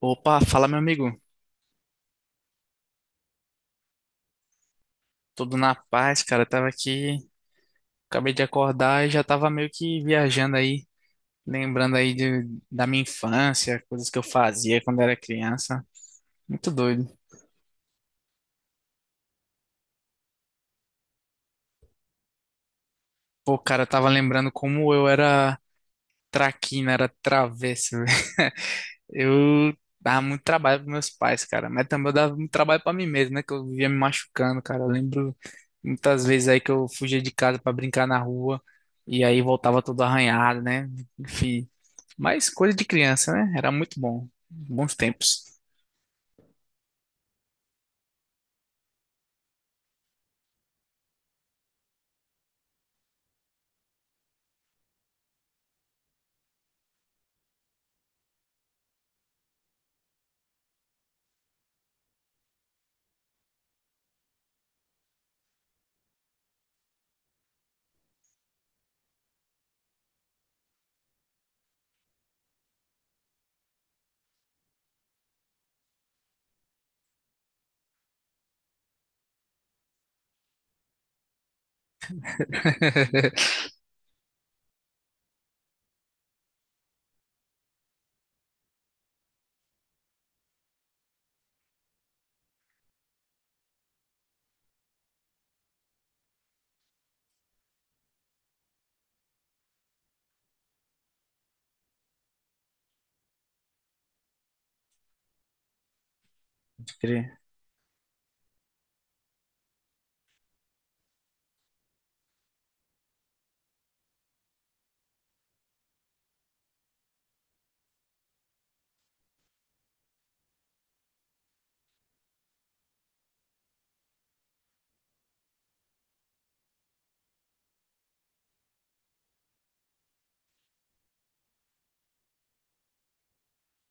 Opa, fala meu amigo. Tudo na paz, cara. Eu tava aqui, acabei de acordar e já tava meio que viajando aí, lembrando da minha infância, coisas que eu fazia quando era criança. Muito doido. Pô, cara, eu tava lembrando como eu era traquina, era travesso. Eu dava muito trabalho para meus pais, cara, mas também eu dava muito trabalho para mim mesmo, né? Que eu vivia me machucando, cara. Eu lembro muitas vezes aí que eu fugia de casa para brincar na rua e aí voltava todo arranhado, né? Enfim, mas coisa de criança, né? Era muito bom. Bons tempos.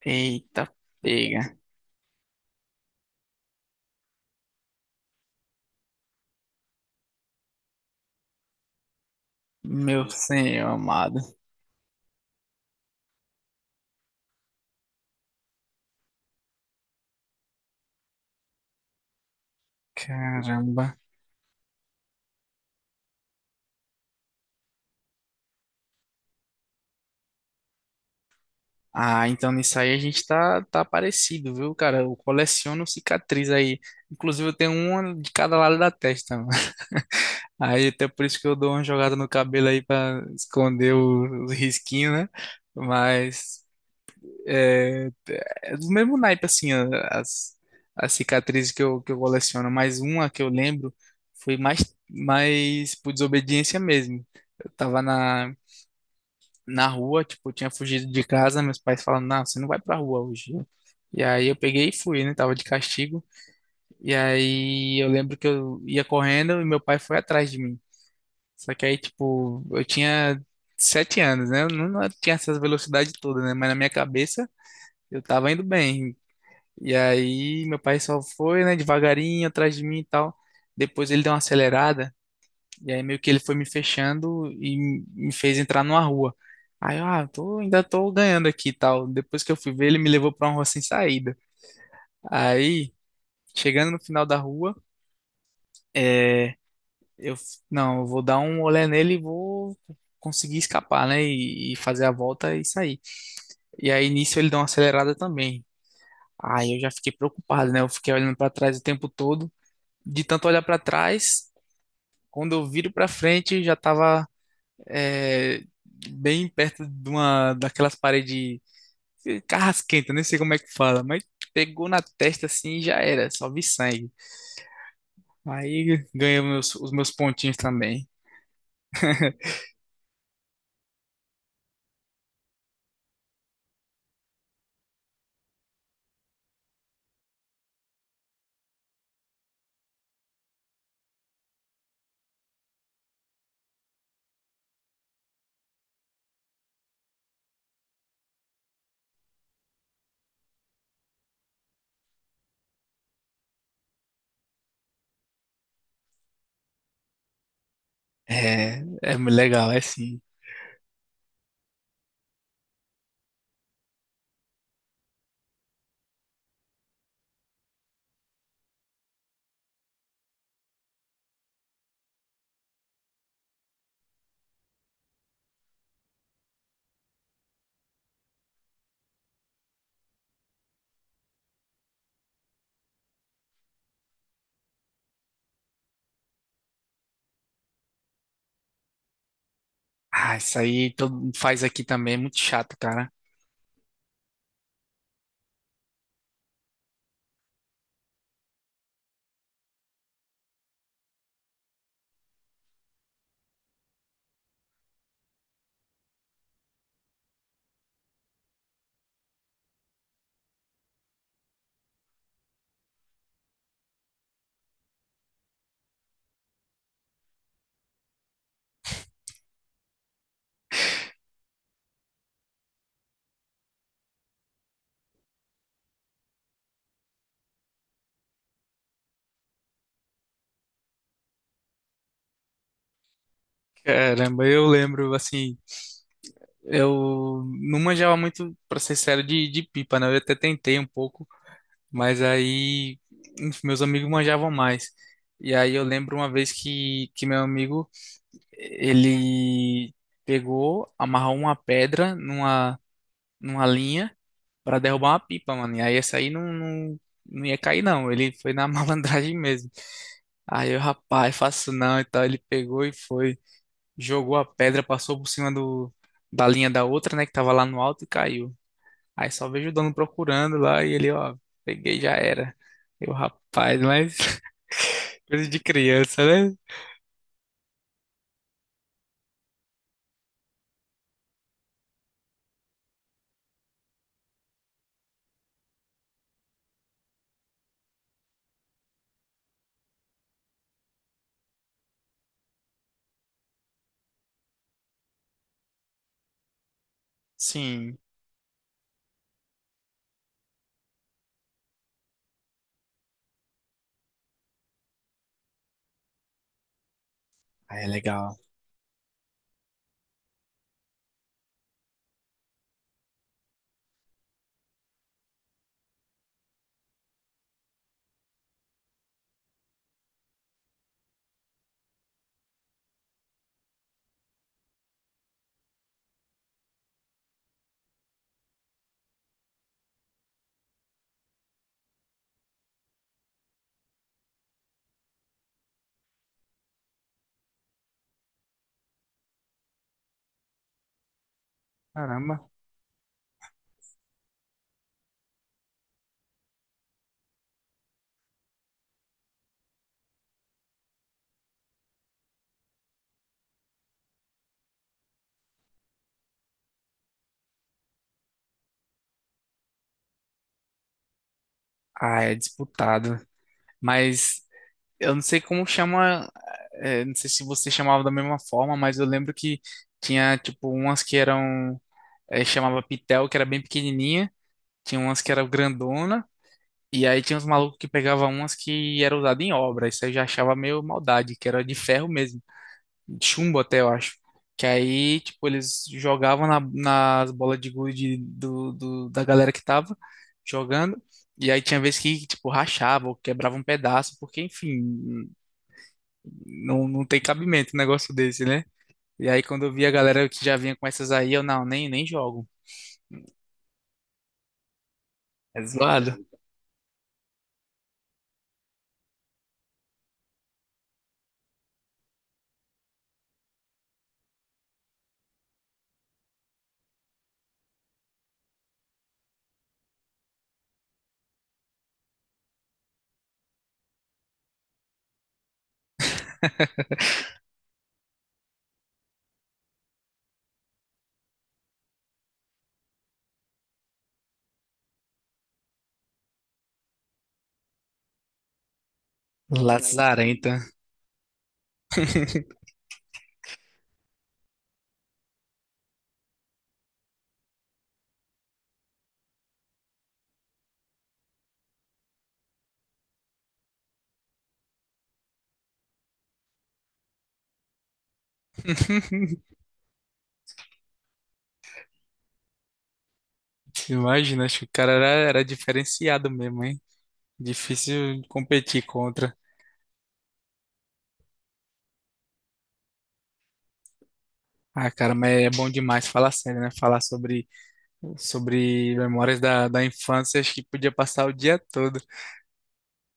Eita, pega. Meu senhor amado. Caramba. Ah, então nisso aí a gente tá parecido, viu, cara? Eu coleciono cicatriz aí. Inclusive eu tenho uma de cada lado da testa, mano. Aí até por isso que eu dou uma jogada no cabelo aí pra esconder os risquinhos, né? Mas é, é do mesmo naipe, assim, as, as cicatrizes que eu coleciono. Mas uma que eu lembro foi mais por desobediência mesmo. Eu tava na rua, tipo, eu tinha fugido de casa, meus pais falaram, não, você não vai pra rua hoje. E aí eu peguei e fui, né? Tava de castigo. E aí eu lembro que eu ia correndo e meu pai foi atrás de mim. Só que aí, tipo, eu tinha 7 anos, né? Eu não, não tinha essas velocidades todas, né? Mas na minha cabeça eu tava indo bem. E aí meu pai só foi, né, devagarinho atrás de mim e tal. Depois ele deu uma acelerada e aí meio que ele foi me fechando e me fez entrar numa rua. Aí eu, ah, tô, ainda tô ganhando aqui e tal. Depois que eu fui ver, ele me levou pra uma rua sem saída. Aí, chegando no final da rua, é, eu, não, eu vou dar um olé nele e vou conseguir escapar, né? E fazer a volta e sair. E aí, nisso, ele deu uma acelerada também. Aí eu já fiquei preocupado, né? Eu fiquei olhando pra trás o tempo todo. De tanto olhar pra trás, quando eu viro pra frente, já tava é, bem perto de uma daquelas paredes carrasquenta, nem sei como é que fala, mas pegou na testa assim e já era, só vi sangue. Aí ganhei os meus pontinhos também. É, legal, é sim. Ah, isso aí todo mundo faz aqui também, é muito chato, cara. Caramba, eu lembro, assim, eu não manjava muito, pra ser sério, de pipa, né? Eu até tentei um pouco. Mas aí, enfim, meus amigos manjavam mais. E aí eu lembro uma vez que meu amigo, ele pegou, amarrou uma pedra numa linha para derrubar uma pipa, mano. E aí essa aí não ia cair, não. Ele foi na malandragem mesmo. Aí eu, rapaz, faço não. Então ele pegou e foi, jogou a pedra, passou por cima da linha da outra, né, que tava lá no alto e caiu. Aí só vejo o dono procurando lá e ele, ó, peguei, já era. Eu, rapaz, mas coisa de criança, né? Sim. Aí é legal. Caramba. Ah, é disputado. Mas eu não sei como chama, é, não sei se você chamava da mesma forma, mas eu lembro que tinha, tipo, umas que é, chamava pitel, que era bem pequenininha, tinha umas que eram grandona, e aí tinha uns malucos que pegavam umas que eram usadas em obra, isso eu já achava meio maldade, que era de ferro mesmo. Chumbo até, eu acho. Que aí, tipo, eles jogavam nas bolas de gude da galera que tava jogando. E aí tinha vezes que, tipo, rachava ou quebrava um pedaço, porque, enfim, não tem cabimento um negócio desse, né? E aí, quando eu vi a galera que já vinha com essas aí, eu, não, nem jogo. É zoado. Lazarenta. Imagina, acho que o cara era diferenciado mesmo, hein? Difícil competir contra. Ah, cara, mas é bom demais falar sério, né? Falar sobre memórias da infância, acho que podia passar o dia todo.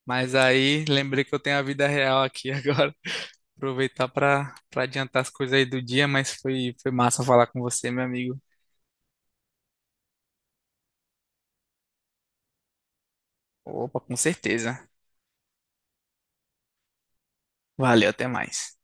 Mas aí lembrei que eu tenho a vida real aqui agora. Aproveitar para adiantar as coisas aí do dia, mas foi massa falar com você, meu amigo. Opa, com certeza. Valeu, até mais.